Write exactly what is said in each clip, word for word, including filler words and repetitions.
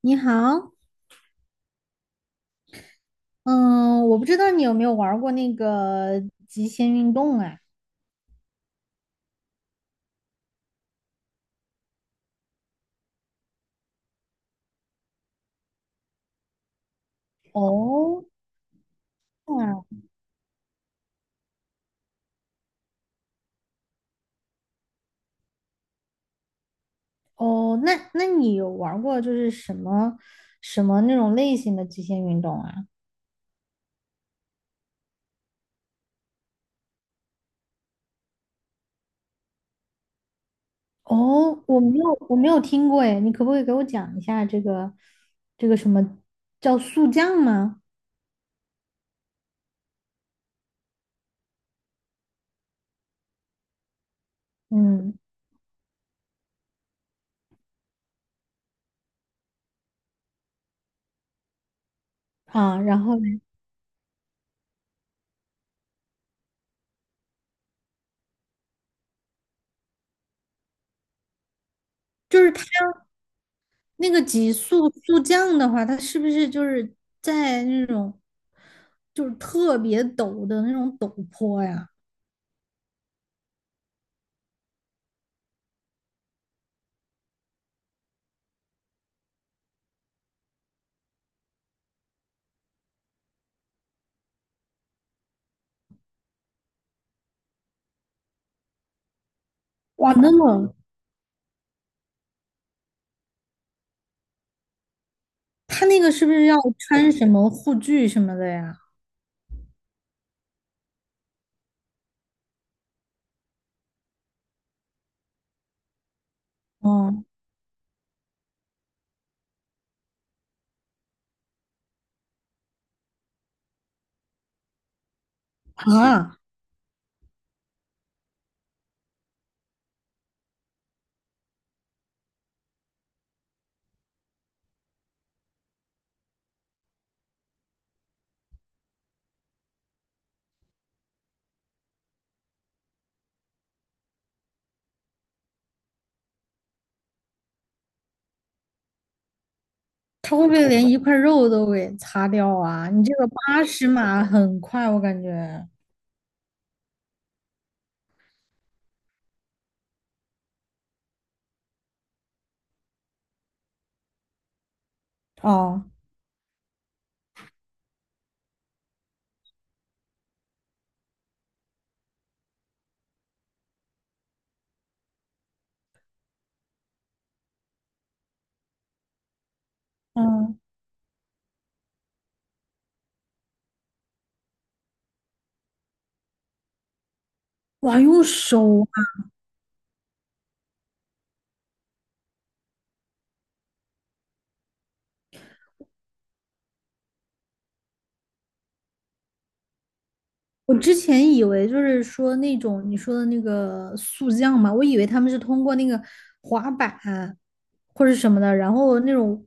你好。嗯，我不知道你有没有玩儿过那个极限运动啊？哦。啊。哦，那那你有玩儿过就是什么什么那种类型的极限运动啊？哦，我没有我没有听过哎，你可不可以给我讲一下这个这个什么叫速降吗？嗯。啊，然后呢？就是它那个极速速降的话，它是不是就是在那种就是特别陡的那种陡坡呀？哇，那么他那个是不是要穿什么护具什么的呀？哦。啊。他会不会连一块肉都给擦掉啊？你这个八十码很快，我感觉。哦。嗯。哇，用手啊。我之前以为就是说那种你说的那个速降嘛，我以为他们是通过那个滑板或者什么的，然后那种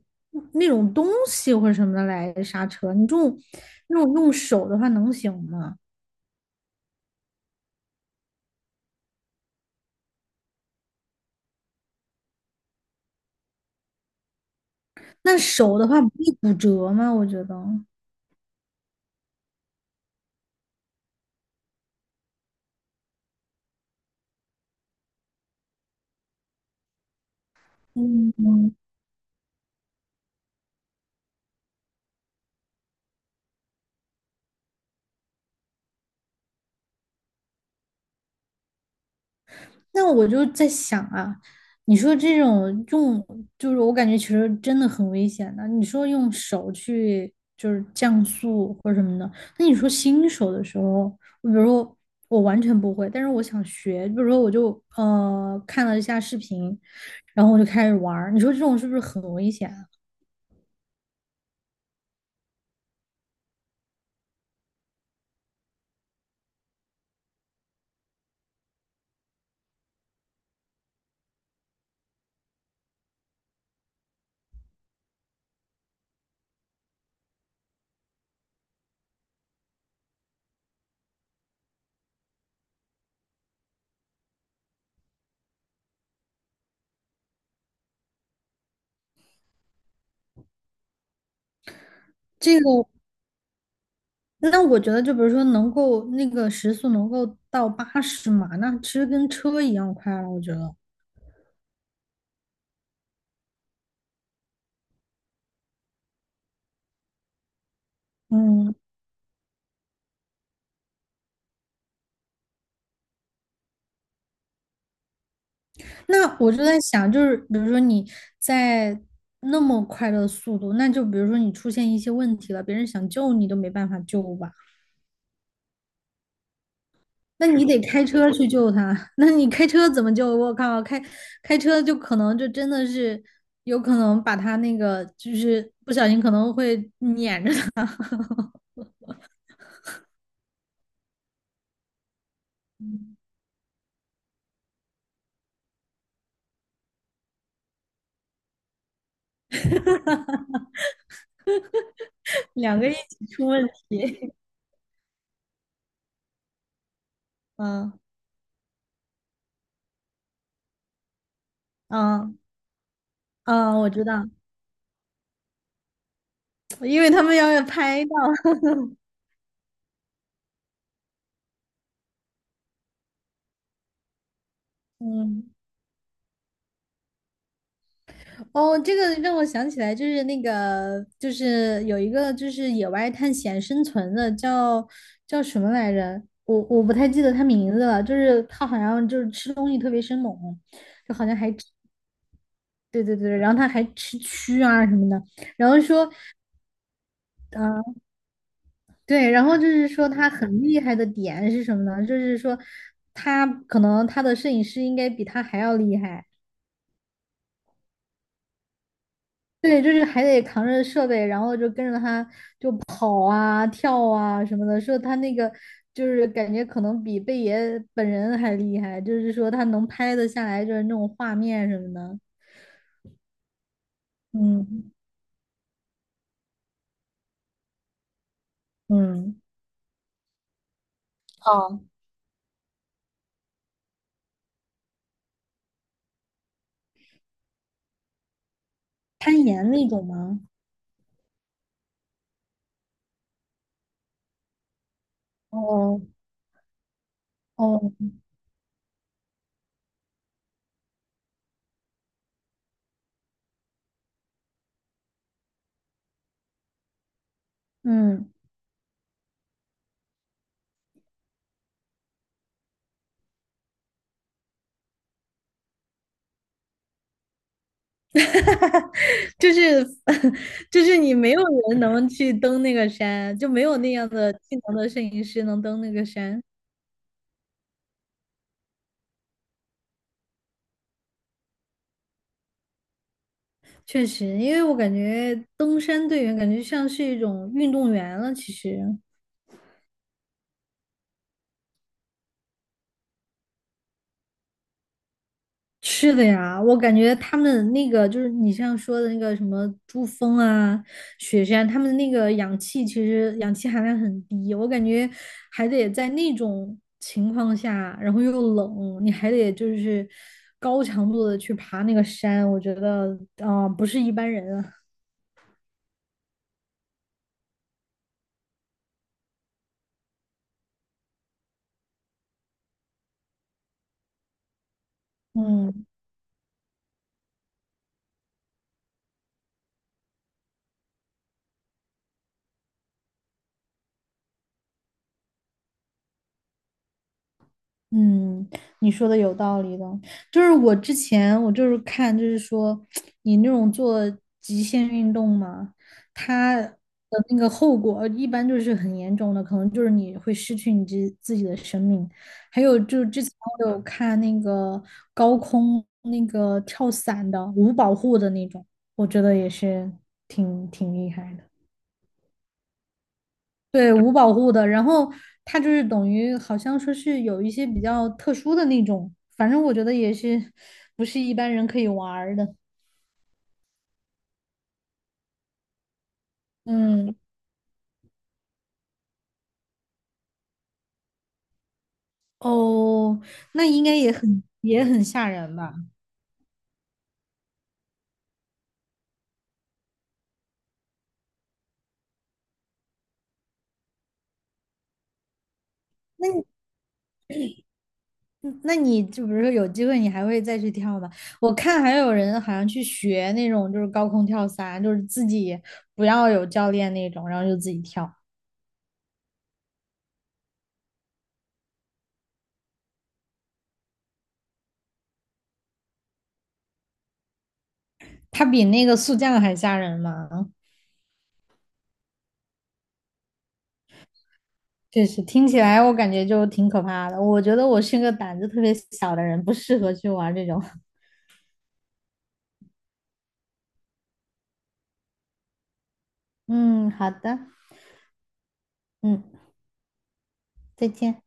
那种东西或者什么的来刹车。你这种那种用手的话能行吗？那手的话不会骨折吗？我觉得。嗯。那我就在想啊，你说这种用，就是我感觉其实真的很危险的。你说用手去就是降速或者什么的，那你说新手的时候，我比如说我完全不会，但是我想学，比如说我就呃看了一下视频，然后我就开始玩儿，你说这种是不是很危险啊？这个那我觉得，就比如说能够那个时速能够到八十码，那其实跟车一样快了，我觉得。嗯，那我就在想，就是比如说你在那么快的速度，那就比如说你出现一些问题了，别人想救你都没办法救吧？那你得开车去救他，那你开车怎么救？我靠，开开车就可能就真的是有可能把他那个就是不小心可能会碾着他，两个一起出问题。嗯。嗯。嗯，我知道，因为他们要拍到。嗯。哦，这个让我想起来，就是那个，就是有一个就是野外探险生存的，叫叫什么来着？我我不太记得他名字了，就是他好像就是吃东西特别生猛，就好像还吃。对对对，然后他还吃蛆啊什么的，然后说。嗯、对，然后就是说他很厉害的点是什么呢？就是说他可能他的摄影师应该比他还要厉害。对，就是还得扛着设备，然后就跟着他跑啊、跳啊什么的。说他那个就是感觉可能比贝爷本人还厉害，就是说他能拍得下来，就是那种画面什么的。嗯。嗯。哦，攀岩那种吗？哦。哦。嗯。就是 就是你没有人能去登那个山，就没有那样的技能的摄影师能登那个山。确实，因为我感觉登山队员感觉像是一种运动员了。其实是的呀，我感觉他们那个就是你像说的那个什么珠峰啊、雪山，他们那个氧气其实氧气含量很低，我感觉还得在那种情况下，然后又冷，你还得就是高强度的去爬那个山，我觉得啊、不是一般人啊。嗯。嗯，你说的有道理的，就是我之前我就是看，就是说你那种做极限运动嘛，它的那个后果一般就是很严重的，可能就是你会失去你自自己的生命。还有就是之前我有看那个高空那个跳伞的，无保护的那种，我觉得也是挺挺厉害的。对，无保护的，然后它就是等于好像说是有一些比较特殊的那种，反正我觉得也是不是一般人可以玩儿的。嗯。哦，那应该也很也很吓人吧？嗯，那你就比如说有机会你还会再去跳吗？我看还有人好像去学那种就是高空跳伞，就是自己不要有教练那种，然后就自己跳。它比那个速降还吓人吗？确实听起来我感觉就挺可怕的。我觉得我是个胆子特别小的人，不适合去玩这种。嗯，好的。嗯，再见。